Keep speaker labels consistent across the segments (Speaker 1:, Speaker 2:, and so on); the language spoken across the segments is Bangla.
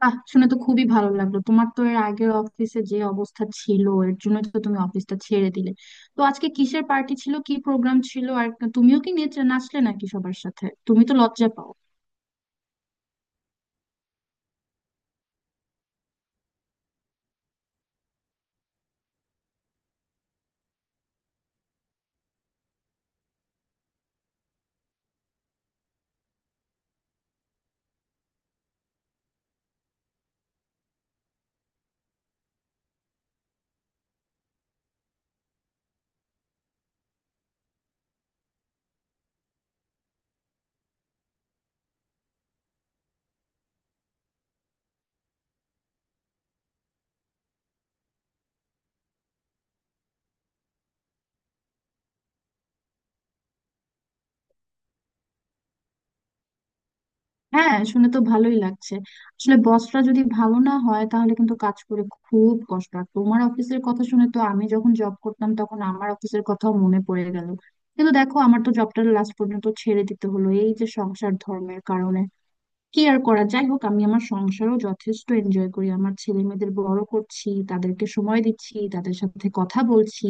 Speaker 1: বাহ, শুনে তো খুবই ভালো লাগলো। তোমার তো এর আগের অফিসে যে অবস্থা ছিল, এর জন্য তো তুমি অফিসটা ছেড়ে দিলে। তো আজকে কিসের পার্টি ছিল, কি প্রোগ্রাম ছিল আর তুমিও কি নেচে নাচলে নাকি সবার সাথে? তুমি তো লজ্জা পাও। হ্যাঁ, শুনে তো ভালোই লাগছে। আসলে বসরা যদি ভালো না হয় তাহলে কিন্তু কাজ করে খুব কষ্ট। আর তোমার অফিসের কথা শুনে তো আমি যখন জব করতাম তখন আমার অফিসের কথাও মনে পড়ে গেল। কিন্তু দেখো, আমার তো জবটা লাস্ট পর্যন্ত ছেড়ে দিতে হলো এই যে সংসার ধর্মের কারণে। কি আর করা, যাই হোক আমি আমার সংসারও যথেষ্ট এনজয় করি, আমার ছেলে মেয়েদের বড় করছি, তাদেরকে সময় দিচ্ছি, তাদের সাথে কথা বলছি।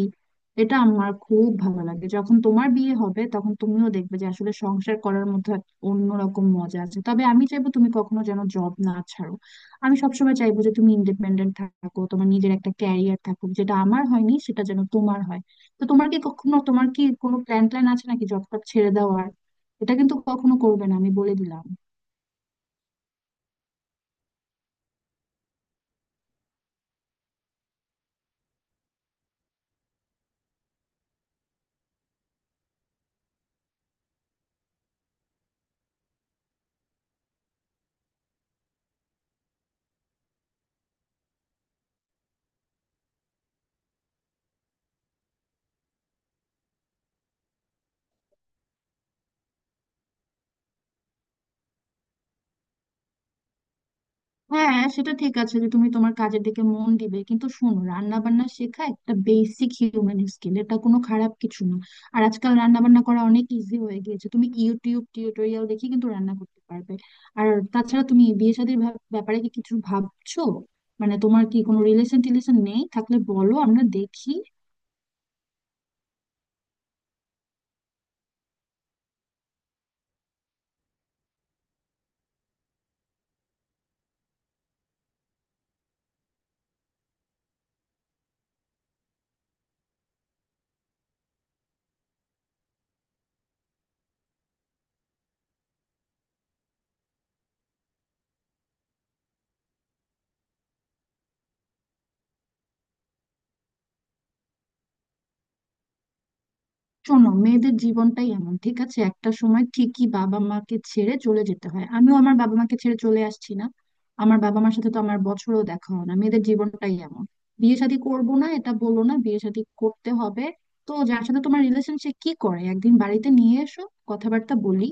Speaker 1: এটা আমার খুব ভালো লাগে। যখন তোমার বিয়ে হবে তখন তুমিও দেখবে যে আসলে সংসার করার মধ্যে এক অন্যরকম মজা আছে। তবে আমি চাইবো তুমি কখনো যেন জব না ছাড়ো। আমি সবসময় চাইবো যে তুমি ইন্ডিপেন্ডেন্ট থাকো, তোমার নিজের একটা ক্যারিয়ার থাকুক। যেটা আমার হয়নি সেটা যেন তোমার হয়। তো তোমার কি কোনো প্ল্যান ট্যান আছে নাকি জব টব ছেড়ে দেওয়ার? এটা কিন্তু কখনো করবে না, আমি বলে দিলাম। হ্যাঁ, সেটা ঠিক আছে যে তুমি তোমার কাজের দিকে মন দিবে, কিন্তু শোনো, রান্না বান্না শেখা একটা বেসিক হিউম্যান স্কিল, এটা কোনো খারাপ কিছু না। আর আজকাল রান্না বান্না করা অনেক ইজি হয়ে গিয়েছে, তুমি ইউটিউব টিউটোরিয়াল দেখে কিন্তু রান্না করতে পারবে। আর তাছাড়া তুমি বিয়ে শাদীর ব্যাপারে কি কিছু ভাবছো? মানে তোমার কি কোনো রিলেশন টিলেশন নেই? থাকলে বলো, আমরা দেখি। শোনো, মেয়েদের জীবনটাই এমন, ঠিক আছে? একটা সময় ঠিকই বাবা মাকে ছেড়ে চলে যেতে হয়, আমিও আমার বাবা মাকে ছেড়ে চলে আসছি না? আমার বাবা মার সাথে তো আমার বছরও দেখা হয় না, মেয়েদের জীবনটাই এমন। বিয়ে শাদী করবো না এটা বলো না, বিয়ে শাদী করতে হবে। তো যার সাথে তোমার রিলেশন সে কি করে? একদিন বাড়িতে নিয়ে এসো, কথাবার্তা বলি।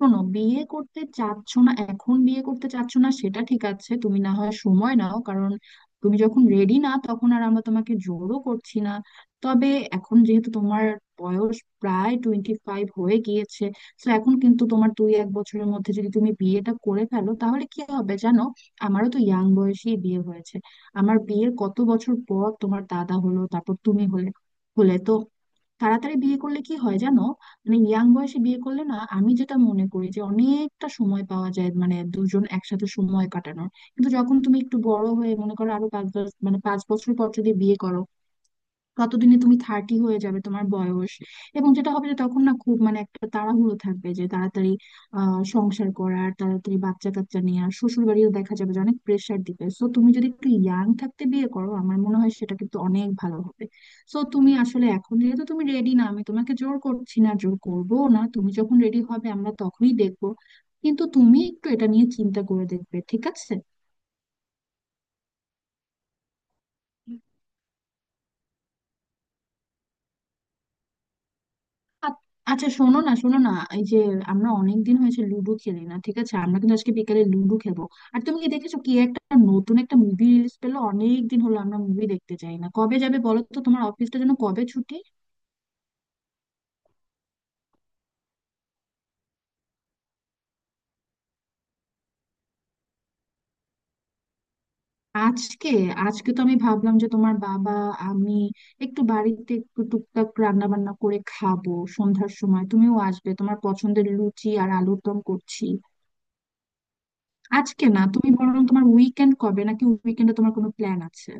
Speaker 1: শোনো, বিয়ে করতে চাচ্ছ না, এখন বিয়ে করতে চাচ্ছ না সেটা ঠিক আছে, তুমি না হয় সময় নাও। কারণ তুমি যখন রেডি না তখন আর আমরা তোমাকে জোরও করছি না। তবে এখন যেহেতু তোমার বয়স প্রায় 25 হয়ে গিয়েছে, তো এখন কিন্তু তোমার 1-2 বছরের মধ্যে যদি তুমি বিয়েটা করে ফেলো তাহলে কি হবে জানো? আমারও তো ইয়াং বয়সেই বিয়ে হয়েছে। আমার বিয়ের কত বছর পর তোমার দাদা হলো, তারপর তুমি হলে। হলে তো তাড়াতাড়ি বিয়ে করলে কি হয় জানো? মানে ইয়াং বয়সে বিয়ে করলে না, আমি যেটা মনে করি যে অনেকটা সময় পাওয়া যায়, মানে দুজন একসাথে সময় কাটানোর। কিন্তু যখন তুমি একটু বড় হয়ে, মনে করো আরো পাঁচ দশ মানে 5 বছর পর যদি বিয়ে করো, কতদিনে তুমি 30 হয়ে যাবে তোমার বয়স। এবং যেটা হবে যে তখন না খুব, মানে একটা তাড়াহুড়ো থাকবে যে তাড়াতাড়ি, সংসার করার, তাড়াতাড়ি বাচ্চা কাচ্চা নেওয়ার। শ্বশুর বাড়িও দেখা যাবে যে অনেক প্রেশার দিবে। সো তুমি যদি একটু ইয়াং থাকতে বিয়ে করো, আমার মনে হয় সেটা কিন্তু অনেক ভালো হবে। সো তুমি আসলে, এখন যেহেতু তুমি রেডি না, আমি তোমাকে জোর করছি না, জোর করবো না, তুমি যখন রেডি হবে আমরা তখনই দেখবো। কিন্তু তুমি একটু এটা নিয়ে চিন্তা করে দেখবে, ঠিক আছে? আ- আচ্ছা, শোনো না, এই যে আমরা অনেক দিন হয়েছে লুডো খেলি না, ঠিক আছে? আমরা কিন্তু আজকে বিকালে লুডো খেলবো। আর তুমি কি দেখেছো কি একটা, নতুন একটা মুভি রিলিজ পেলো? অনেক দিন হলো আমরা মুভি দেখতে যাই না। কবে যাবে বলো তো, তোমার অফিসটা যেন কবে ছুটি? আজকে? আজকে তো আমি ভাবলাম যে তোমার বাবা, আমি একটু বাড়িতে একটু টুকটাক রান্না বান্না করে খাবো, সন্ধ্যার সময় তুমিও আসবে, তোমার পছন্দের লুচি আর আলুর দম করছি। আজকে না, তুমি বরং তোমার উইকেন্ড কবে, নাকি উইকেন্ডে তোমার কোনো প্ল্যান আছে?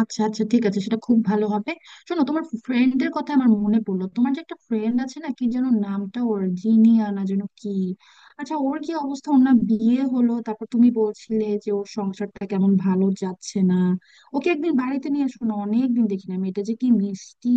Speaker 1: আচ্ছা আচ্ছা, ঠিক আছে, সেটা খুব ভালো হবে। শোনো, তোমার ফ্রেন্ডের কথা আমার মনে পড়লো। তোমার যে একটা ফ্রেন্ড আছে না, কি যেন নামটা ওর, জিনিয়া না যেন কি? আচ্ছা ওর কি অবস্থা? ওর না বিয়ে হলো, তারপর তুমি বলছিলে যে ওর সংসারটা কেমন ভালো যাচ্ছে না। ওকে একদিন বাড়িতে নিয়ে আসো না, অনেকদিন দেখি না, মেয়েটা যে কি মিষ্টি।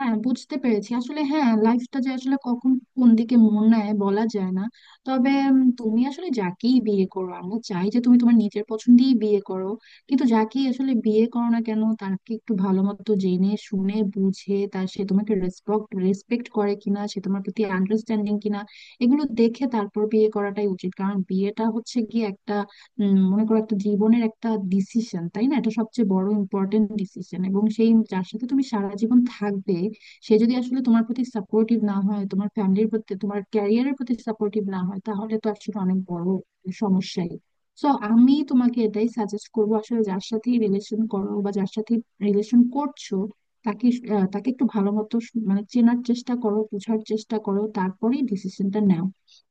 Speaker 1: হ্যাঁ, বুঝতে পেরেছি। আসলে হ্যাঁ, লাইফটা যে আসলে কখন কোন দিকে মোড় নেয় বলা যায় না। তবে তুমি আসলে যাকেই বিয়ে করো, আমরা চাই যে তুমি তোমার নিজের পছন্দেই বিয়ে করো। কিন্তু যাকেই আসলে বিয়ে করো না কেন, তাকে একটু ভালো মতো জেনে শুনে বুঝে, তার, সে তোমাকে রেসপেক্ট রেসপেক্ট করে কিনা, সে তোমার প্রতি আন্ডারস্ট্যান্ডিং কিনা, এগুলো দেখে তারপর বিয়ে করাটাই উচিত। কারণ বিয়েটা হচ্ছে গিয়ে একটা, মনে করো একটা জীবনের একটা ডিসিশন, তাই না? এটা সবচেয়ে বড় ইম্পর্টেন্ট ডিসিশন, এবং সেই যার সাথে তুমি সারা জীবন থাকবে, সে যদি আসলে তোমার প্রতি সাপোর্টিভ না হয়, তোমার ফ্যামিলির প্রতি, তোমার ক্যারিয়ারের প্রতি সাপোর্টিভ না হয়, তাহলে তো আসলে অনেক বড় সমস্যাই। সো আমি তোমাকে এটাই সাজেস্ট করবো, আসলে যার সাথে রিলেশন করো বা যার সাথে রিলেশন করছো, তাকে তাকে একটু ভালো মতো মানে চেনার চেষ্টা করো, বোঝার চেষ্টা করো, তারপরেই ডিসিশনটা নাও।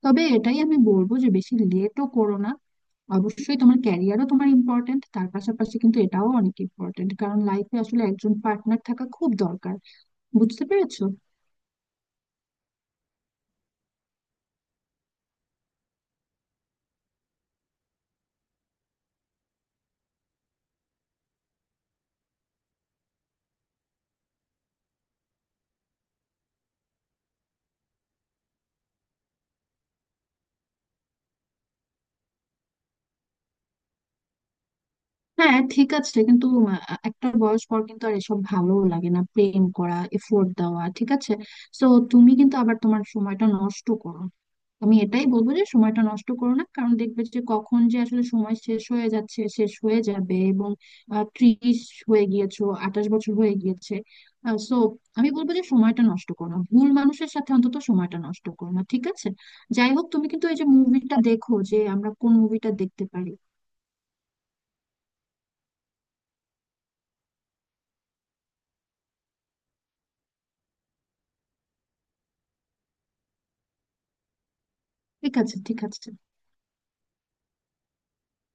Speaker 1: তবে এটাই আমি বলবো যে বেশি লেটও করো না। অবশ্যই তোমার ক্যারিয়ারও তোমার ইম্পর্টেন্ট, তার পাশাপাশি কিন্তু এটাও অনেক ইম্পর্টেন্ট, কারণ লাইফে আসলে একজন পার্টনার থাকা খুব দরকার। বুঝতে পেরেছো? হ্যাঁ ঠিক আছে, কিন্তু একটা বয়স পর কিন্তু আর এসব ভালো লাগে না, প্রেম করা, এফোর্ট দেওয়া, ঠিক আছে? তো তুমি কিন্তু আবার তোমার সময়টা নষ্ট করো। আমি এটাই বলবো যে সময়টা নষ্ট করো না, কারণ দেখবে যে কখন যে আসলে সময় শেষ হয়ে যাচ্ছে, শেষ হয়ে যাবে এবং 30 হয়ে গিয়েছো, 28 বছর হয়ে গিয়েছে। সো আমি বলবো যে সময়টা নষ্ট করো না, ভুল মানুষের সাথে অন্তত সময়টা নষ্ট করো না, ঠিক আছে? যাই হোক, তুমি কিন্তু এই যে মুভিটা দেখো যে আমরা কোন মুভিটা দেখতে পারি। ঠিক আছে, ঠিক আছে।